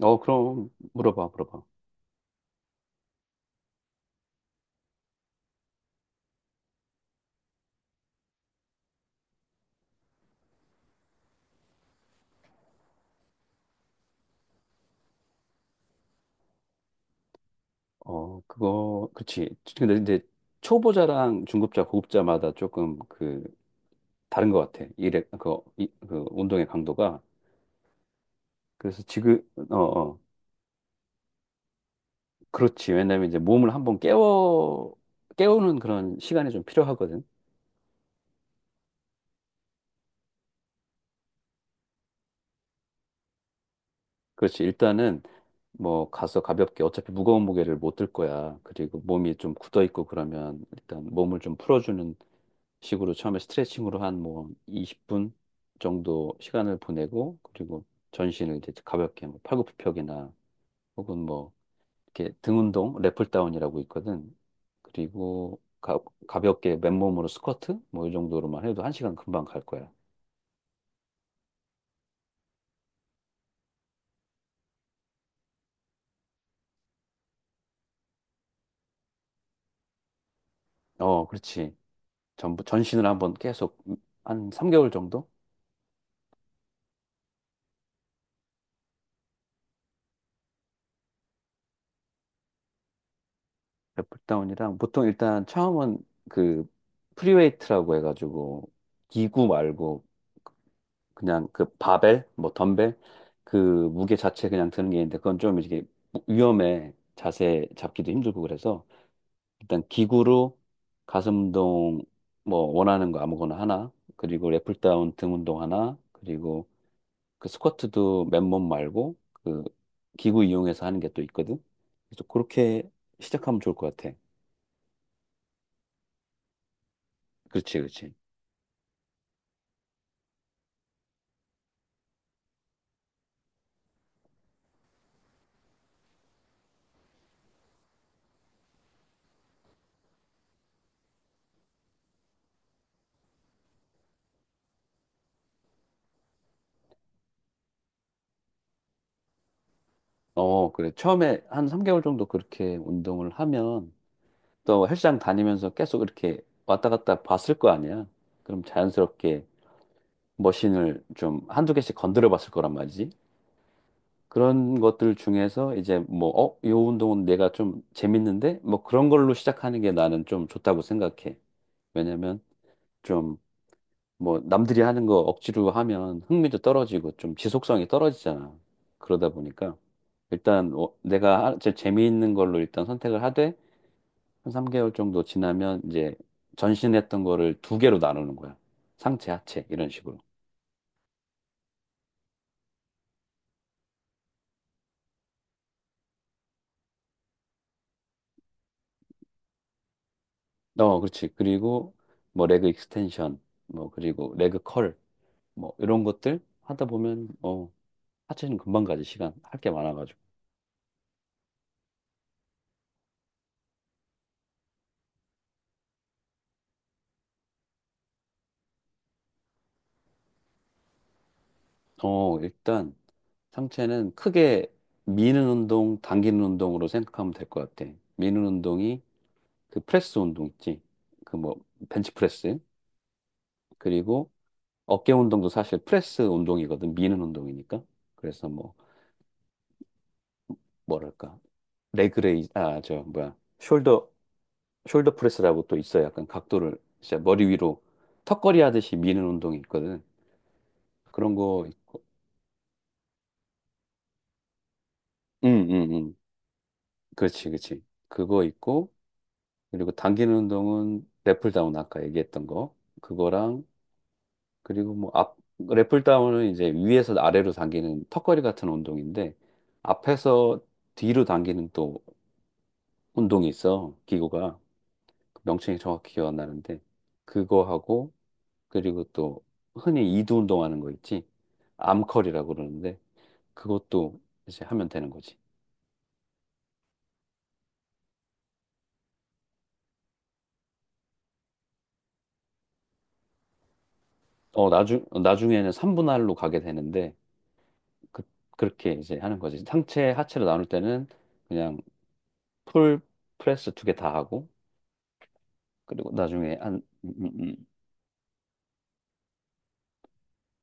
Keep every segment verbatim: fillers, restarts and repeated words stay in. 어, 그럼 물어봐, 물어봐. 어, 그거, 그치. 근데 이제 초보자랑 중급자, 고급자마다 조금 그 다른 것 같아. 일에 그, 이, 그 운동의 강도가. 그래서 지금, 어, 어, 그렇지. 왜냐면 이제 몸을 한번 깨워 깨우는 그런 시간이 좀 필요하거든. 그렇지. 일단은 뭐 가서 가볍게 어차피 무거운 무게를 못 들 거야. 그리고 몸이 좀 굳어 있고 그러면 일단 몸을 좀 풀어주는 식으로 처음에 스트레칭으로 한 뭐 이십 분 정도 시간을 보내고 그리고 전신을 이제 가볍게 뭐 팔굽혀펴기나 혹은 뭐 이렇게 등 운동 랩풀다운이라고 있거든. 그리고 가, 가볍게 맨몸으로 스쿼트 뭐 이 정도로만 해도 한 시간 금방 갈 거야. 어, 그렇지. 전부 전신을 한번 계속 한 삼 개월 정도? 플다운이랑 보통 일단 처음은 그 프리웨이트라고 해가지고 기구 말고 그냥 그 바벨 뭐 덤벨 그 무게 자체 그냥 드는 게 있는데 그건 좀 이게 위험해. 자세 잡기도 힘들고 그래서 일단 기구로 가슴 운동 뭐 원하는 거 아무거나 하나 그리고 랩다운 등 운동 하나 그리고 그 스쿼트도 맨몸 말고 그 기구 이용해서 하는 게 또 있거든. 그래서 그렇게 시작하면 좋을 것 같아. 그렇지, 그렇지. 어, 그래. 처음에 한 삼 개월 정도 그렇게 운동을 하면 또 헬스장 다니면서 계속 이렇게 왔다 갔다 봤을 거 아니야. 그럼 자연스럽게 머신을 좀 한두 개씩 건드려 봤을 거란 말이지. 그런 것들 중에서 이제 뭐, 어, 요 운동은 내가 좀 재밌는데? 뭐 그런 걸로 시작하는 게 나는 좀 좋다고 생각해. 왜냐면 좀 뭐 남들이 하는 거 억지로 하면 흥미도 떨어지고 좀 지속성이 떨어지잖아. 그러다 보니까 일단 어, 내가 하- 제 재미있는 걸로 일단 선택을 하되 한 삼 개월 정도 지나면 이제 전신했던 거를 두 개로 나누는 거야. 상체, 하체 이런 식으로. 어, 그렇지. 그리고 뭐 레그 익스텐션, 뭐 그리고 레그 컬, 뭐 이런 것들 하다 보면 어 하체는 금방 가지. 시간 할 게 많아가지고. 어 일단 상체는 크게 미는 운동, 당기는 운동으로 생각하면 될 것 같아. 미는 운동이 그 프레스 운동 있지. 그 뭐, 벤치프레스. 그리고 어깨 운동도 사실 프레스 운동이거든. 미는 운동이니까. 그래서 뭐, 뭐랄까. 레그레이, 아, 저, 뭐야. 숄더, 숄더 프레스라고 또 있어. 약간 각도를 진짜 머리 위로 턱걸이 하듯이 미는 운동이 있거든. 그런 거 있고. 응, 응, 응. 그렇지, 그렇지. 그거 있고. 그리고 당기는 운동은 랫풀다운 아까 얘기했던 거 그거랑 그리고 뭐 앞 랫풀다운은 이제 위에서 아래로 당기는 턱걸이 같은 운동인데 앞에서 뒤로 당기는 또 운동이 있어. 기구가 명칭이 정확히 기억 안 나는데 그거 하고 그리고 또 흔히 이두 운동하는 거 있지. 암컬이라고 그러는데 그것도 이제 하면 되는 거지. 어 나중 어, 나중에는 삼분할로 가게 되는데 그, 그렇게 이제 하는 거지. 상체 하체로 나눌 때는 그냥 풀 프레스 두 개 다 하고 그리고 나중에 한 음, 음, 음.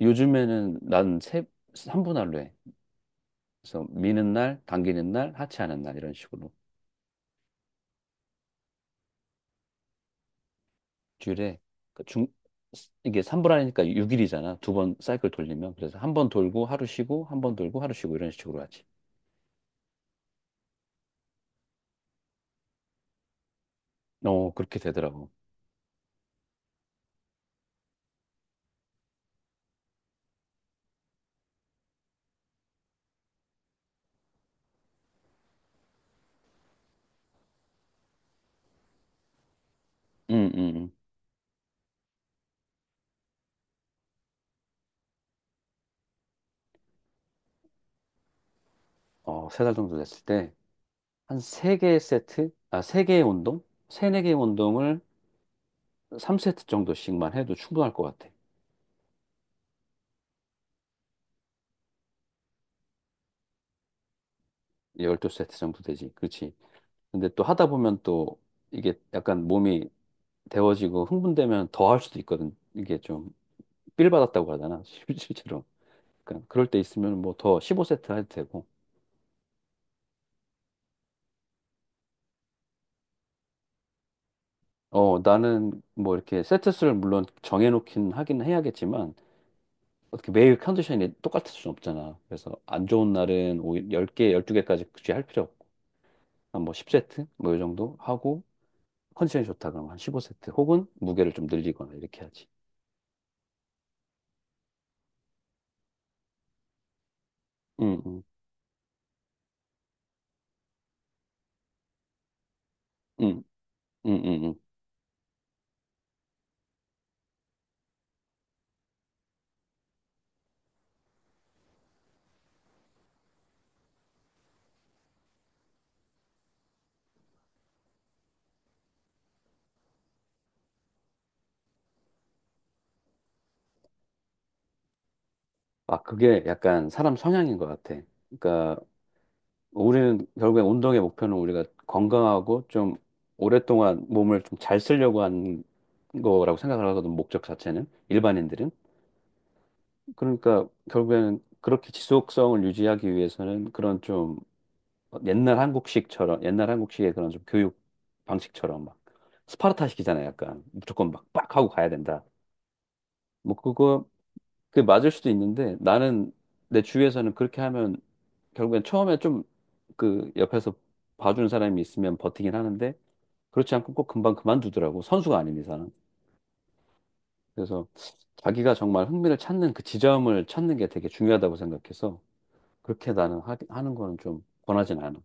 요즘에는 난세 삼 분할로 해. 그래서 미는 날, 당기는 날, 하체하는 날 이런 식으로. 주일에 그 중, 이게 삼 분할이니까 육 일이잖아. 두 번 사이클 돌리면 그래서 한 번 돌고 하루 쉬고 한 번 돌고 하루 쉬고 이런 식으로 하지. 어 그렇게 되더라고. 음, 음, 음. 어, 세 달 정도 됐을 때 한 세 개의 세트, 아, 세 개의 운동, 세네 개의 운동을 삼 세트 정도씩만 해도 충분할 것 같아. 십이 세트 정도 되지. 그렇지. 근데 또 하다 보면 또 이게 약간 몸이 데워지고 흥분되면 더 할 수도 있거든. 이게 좀 삘 받았다고 하잖아. 실- 실제로. 그러니까 그럴 때 있으면 뭐 더 십오 세트 해도 되고. 어, 나는 뭐 이렇게 세트 수를 물론 정해놓긴 하긴 해야겠지만 어떻게 매일 컨디션이 똑같을 수는 없잖아. 그래서 안 좋은 날은 오히 열 개, 열두 개까지 굳이 할 필요 없고 한 뭐 십 세트 뭐 이 정도 하고 컨디션이 좋다 그러면 한 십오 세트 혹은 무게를 좀 늘리거나 이렇게 하지. 응, 응, 응, 응, 응, 응. 아, 그게 약간 사람 성향인 것 같아. 그러니까 우리는 결국에 운동의 목표는 우리가 건강하고 좀 오랫동안 몸을 좀 잘 쓰려고 하는 거라고 생각을 하거든, 목적 자체는. 일반인들은. 그러니까 결국에는 그렇게 지속성을 유지하기 위해서는 그런 좀 옛날 한국식처럼, 옛날 한국식의 그런 좀 교육 방식처럼 막 스파르타식이잖아요, 약간. 무조건 막 빡 하고 가야 된다. 뭐 그거 그게 맞을 수도 있는데 나는 내 주위에서는 그렇게 하면 결국엔 처음에 좀 그 옆에서 봐주는 사람이 있으면 버티긴 하는데 그렇지 않고 꼭 금방 그만두더라고. 선수가 아닌 이상은. 그래서 자기가 정말 흥미를 찾는 그 지점을 찾는 게 되게 중요하다고 생각해서 그렇게 나는 하, 하는 거는 좀 권하진 않아.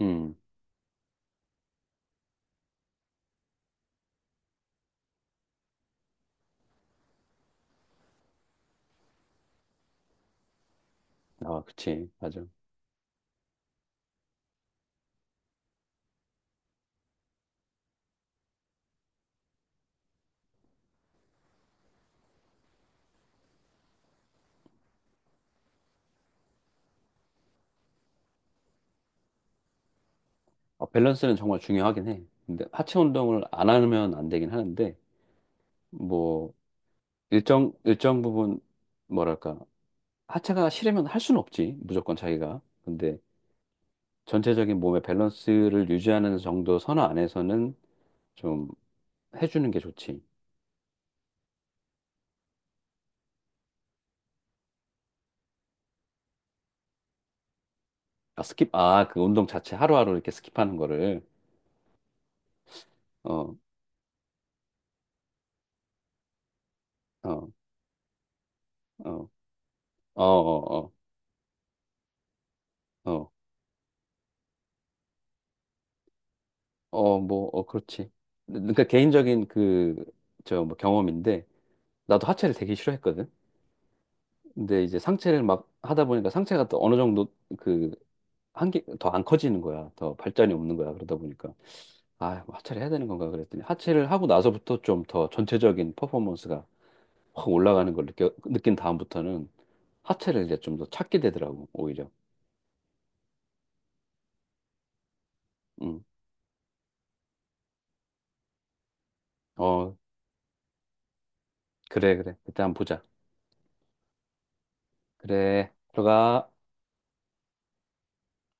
음. 아, 그치. 맞아. 어, 밸런스는 정말 중요하긴 해. 근데 하체 운동을 안 하면 안 되긴 하는데 뭐 일정 일정 부분 뭐랄까 하체가 싫으면 할 수는 없지. 무조건 자기가. 근데 전체적인 몸의 밸런스를 유지하는 정도 선호 안에서는 좀 해주는 게 좋지. 아, 스킵. 아, 그 운동 자체 하루하루 이렇게 스킵하는 거를. 어, 어, 어, 어, 어, 어, 어, 어, 뭐, 어, 그렇지. 그러니까 개인적인 그, 저, 뭐 경험인데, 나도 하체를 되게 싫어했거든. 근데 이제 상체를 막 하다 보니까 상체가 또 어느 정도 그, 한계, 더 안 커지는 거야. 더 발전이 없는 거야. 그러다 보니까. 아, 하체를 해야 되는 건가 그랬더니 하체를 하고 나서부터 좀 더 전체적인 퍼포먼스가 확 올라가는 걸 느껴, 느낀 다음부터는 하체를 이제 좀 더 찾게 되더라고, 오히려. 음. 어, 그래, 그래. 그때 한번 보자. 그래, 들어가.